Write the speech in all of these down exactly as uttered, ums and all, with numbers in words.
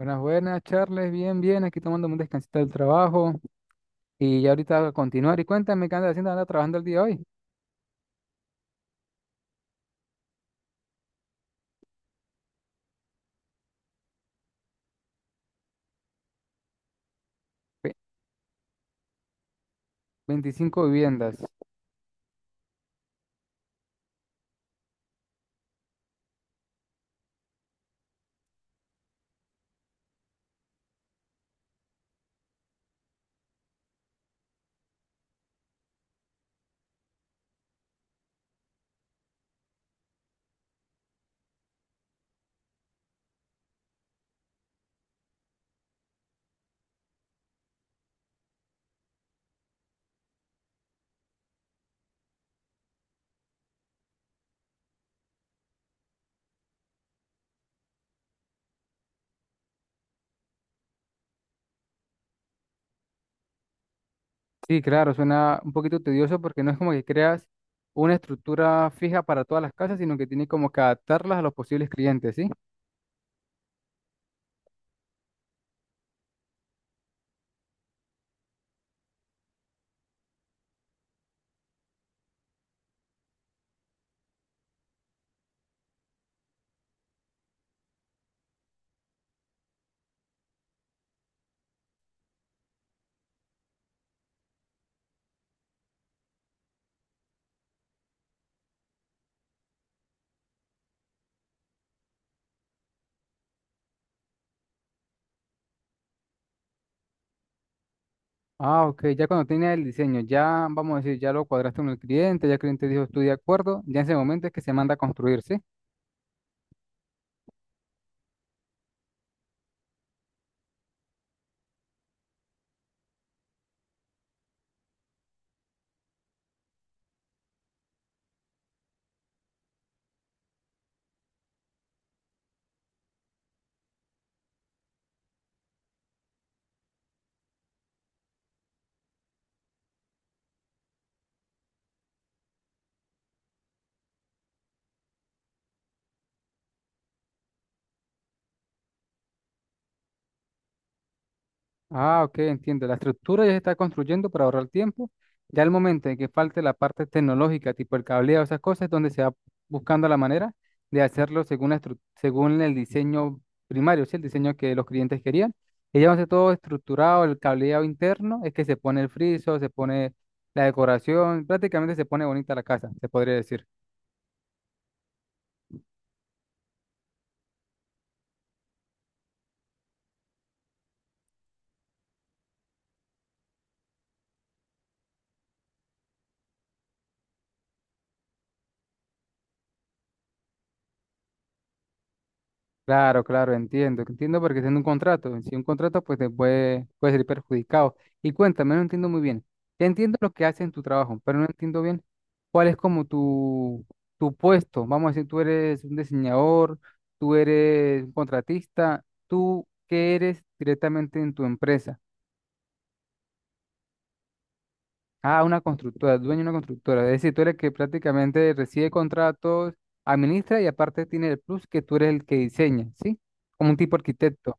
Buenas, buenas, Charles. Bien, bien. Aquí tomando un descansito del trabajo. Y ya ahorita voy a continuar. Y cuéntame qué andas haciendo. Andas trabajando el día de hoy. Ve- veinticinco viviendas. Sí, claro, suena un poquito tedioso porque no es como que creas una estructura fija para todas las casas, sino que tienes como que adaptarlas a los posibles clientes, ¿sí? Ah, ok. Ya cuando tienes el diseño, ya vamos a decir, ya lo cuadraste con el cliente, ya el cliente dijo, estoy de acuerdo. Ya en ese momento es que se manda a construir, ¿sí? Ah, ok, entiendo. La estructura ya se está construyendo para ahorrar tiempo. Ya el momento en que falte la parte tecnológica, tipo el cableado, esas cosas, es donde se va buscando la manera de hacerlo según, la estru- según el diseño primario, ¿sí? El diseño que los clientes querían. Y ya va a ser todo estructurado, el cableado interno, es que se pone el friso, se pone la decoración, prácticamente se pone bonita la casa, se podría decir. Claro, claro, entiendo. Entiendo porque tiene un contrato. Si un contrato, pues te puede, puede ser perjudicado. Y cuéntame, no entiendo muy bien. Ya entiendo lo que haces en tu trabajo, pero no entiendo bien cuál es como tu, tu puesto. Vamos a decir, tú eres un diseñador, tú eres un contratista, tú qué eres directamente en tu empresa. Ah, una constructora, dueño de una constructora. Es decir, tú eres el que prácticamente recibe contratos, administra y aparte tiene el plus que tú eres el que diseña, ¿sí? Como un tipo arquitecto.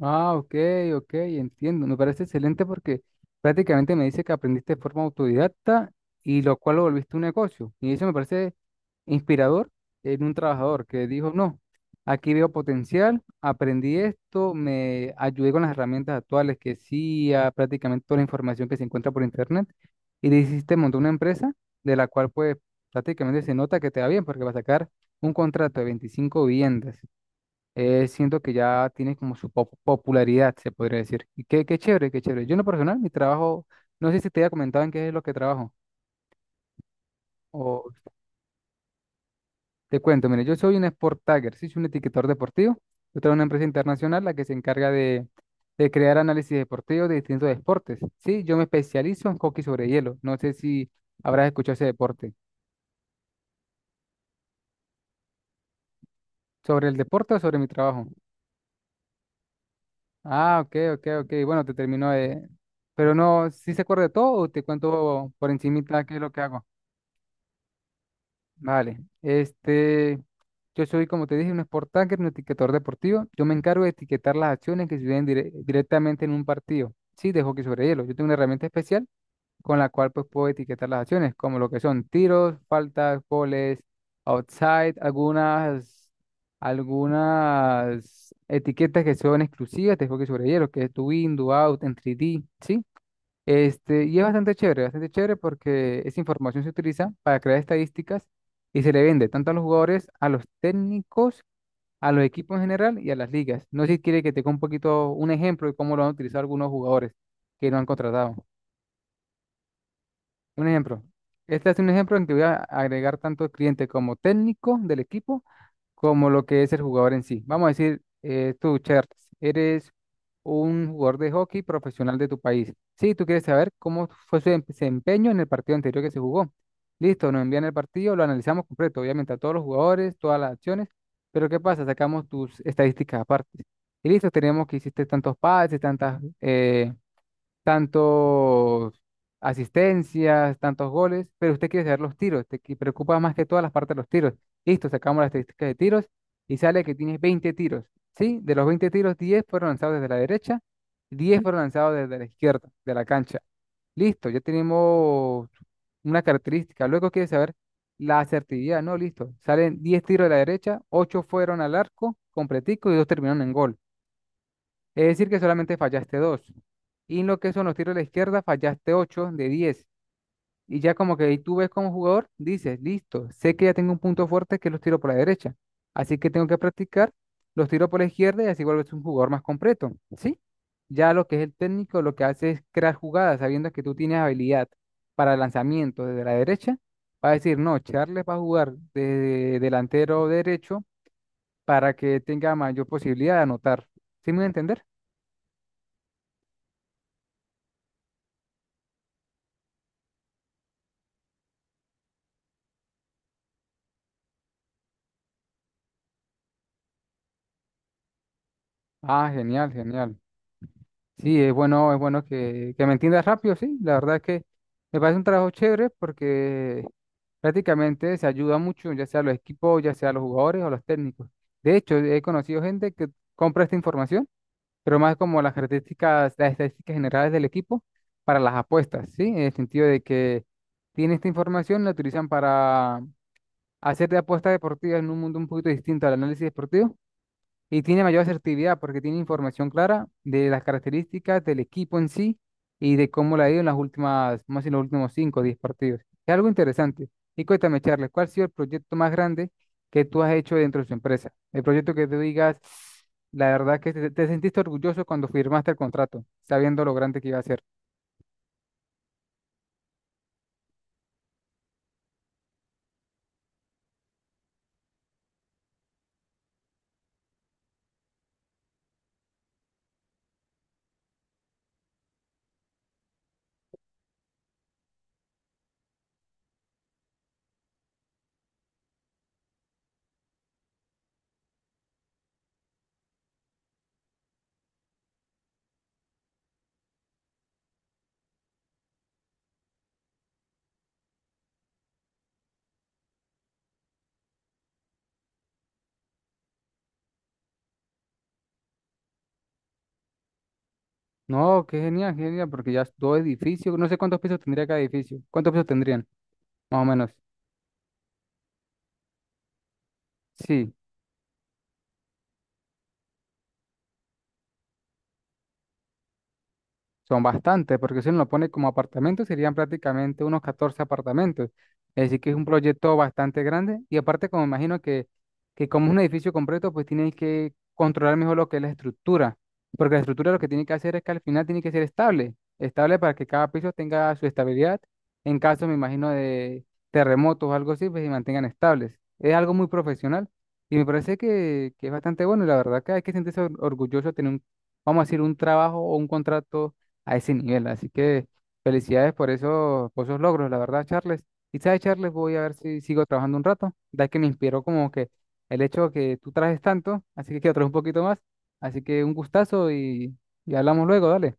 Ah, ok, ok, entiendo. Me parece excelente porque prácticamente me dice que aprendiste de forma autodidacta y lo cual lo volviste un negocio. Y eso me parece inspirador en un trabajador que dijo, no, aquí veo potencial, aprendí esto, me ayudé con las herramientas actuales que sí, a prácticamente toda la información que se encuentra por internet y decidiste montar una empresa de la cual pues prácticamente se nota que te va bien porque va a sacar un contrato de veinticinco viviendas. Eh, siento que ya tiene como su pop- popularidad, se podría decir. Y qué, qué chévere, qué chévere. Yo en lo personal, mi trabajo, no sé si te había comentado en qué es lo que trabajo, o te cuento, mire, yo soy un sport tagger, sí, soy un etiquetador deportivo. Yo tengo una empresa internacional la que se encarga de, de crear análisis deportivos de distintos deportes. Sí, yo me especializo en hockey sobre hielo. No sé si habrás escuchado ese deporte. ¿Sobre el deporte o sobre mi trabajo? Ah, ok, ok, ok. Bueno, te termino de... Pero no, ¿si se acuerda de todo o te cuento por encimita qué es lo que hago? Vale, este, yo soy, como te dije, un sport tagger, un etiquetador deportivo. Yo me encargo de etiquetar las acciones que suceden dire- directamente en un partido. Sí, de hockey sobre hielo. Yo tengo una herramienta especial con la cual pues puedo etiquetar las acciones, como lo que son tiros, faltas, goles, outside, algunas, algunas etiquetas que son exclusivas de hockey sobre hielo, que es do in, do out, en tres D, ¿sí? Este, y es bastante chévere, bastante chévere porque esa información se utiliza para crear estadísticas y se le vende tanto a los jugadores, a los técnicos, a los equipos en general y a las ligas. No sé si quiere que te dé un poquito un ejemplo de cómo lo han utilizado algunos jugadores que no han contratado. Un ejemplo. Este es un ejemplo en que voy a agregar tanto cliente como técnico del equipo como lo que es el jugador en sí. Vamos a decir, eh, tú, Charles, eres un jugador de hockey profesional de tu país. Sí, tú quieres saber cómo fue su em- desempeño en el partido anterior que se jugó. Listo, nos envían el partido, lo analizamos completo, obviamente a todos los jugadores, todas las acciones, pero ¿qué pasa? Sacamos tus estadísticas aparte. Y listo, tenemos que hiciste tantos pases, tantas eh, tantos asistencias, tantos goles, pero usted quiere saber los tiros, te que- preocupa más que todas las partes de los tiros. Listo, sacamos las estadísticas de tiros y sale que tienes veinte tiros, ¿sí? De los veinte tiros, diez fueron lanzados desde la derecha, diez fueron lanzados desde la izquierda de la cancha. Listo, ya tenemos una característica. Luego quiere saber la asertividad, ¿no? Listo, salen diez tiros de la derecha, ocho fueron al arco completico y dos terminaron en gol. Es decir, que solamente fallaste dos. Y en lo que son los tiros a la izquierda, fallaste ocho de diez. Y ya como que ahí tú ves como jugador, dices, listo, sé que ya tengo un punto fuerte que es los tiros por la derecha. Así que tengo que practicar los tiros por la izquierda y así vuelves un jugador más completo, ¿sí? Ya lo que es el técnico, lo que hace es crear jugadas, sabiendo que tú tienes habilidad para el lanzamiento desde la derecha. Va a decir, no, Charles va a jugar de delantero derecho para que tenga mayor posibilidad de anotar. ¿Sí me voy a entender? Ah, genial, genial. Sí, es bueno, es bueno que, que me entiendas rápido, sí. La verdad es que me parece un trabajo chévere porque prácticamente se ayuda mucho, ya sea los equipos, ya sea los jugadores o los técnicos. De hecho, he conocido gente que compra esta información, pero más como las características, las estadísticas generales del equipo para las apuestas, ¿sí? En el sentido de que tiene esta información, la utilizan para hacer de apuestas deportivas en un mundo un poquito distinto al análisis deportivo y tiene mayor asertividad porque tiene información clara de las características del equipo en sí y de cómo le ha ido en las últimas, más en los últimos cinco o diez partidos. Es algo interesante. Y cuéntame, Charles, ¿cuál ha sido el proyecto más grande que tú has hecho dentro de su empresa? El proyecto que tú digas, la verdad que te, te sentiste orgulloso cuando firmaste el contrato, sabiendo lo grande que iba a ser. No, qué genial, qué genial, porque ya es dos edificios, no sé cuántos pisos tendría cada edificio. ¿Cuántos pisos tendrían? Más o menos. Sí. Son bastantes, porque si uno lo pone como apartamento, serían prácticamente unos catorce apartamentos. Es decir, que es un proyecto bastante grande. Y aparte, como imagino que, que como es un edificio completo, pues tienen que controlar mejor lo que es la estructura. Porque la estructura lo que tiene que hacer es que al final tiene que ser estable. Estable para que cada piso tenga su estabilidad. En caso, me imagino, de terremotos o algo así, pues se mantengan estables. Es algo muy profesional. Y me parece que, que es bastante bueno. Y la verdad que hay que sentirse or- orgulloso de tener un, vamos a decir, un trabajo o un contrato a ese nivel. Así que felicidades por esos, por esos logros, la verdad, Charles. Y sabes, Charles, voy a ver si sigo trabajando un rato, ya que me inspiró como que el hecho que tú trajes tanto, así que quiero traer un poquito más. Así que un gustazo y, y hablamos luego, dale.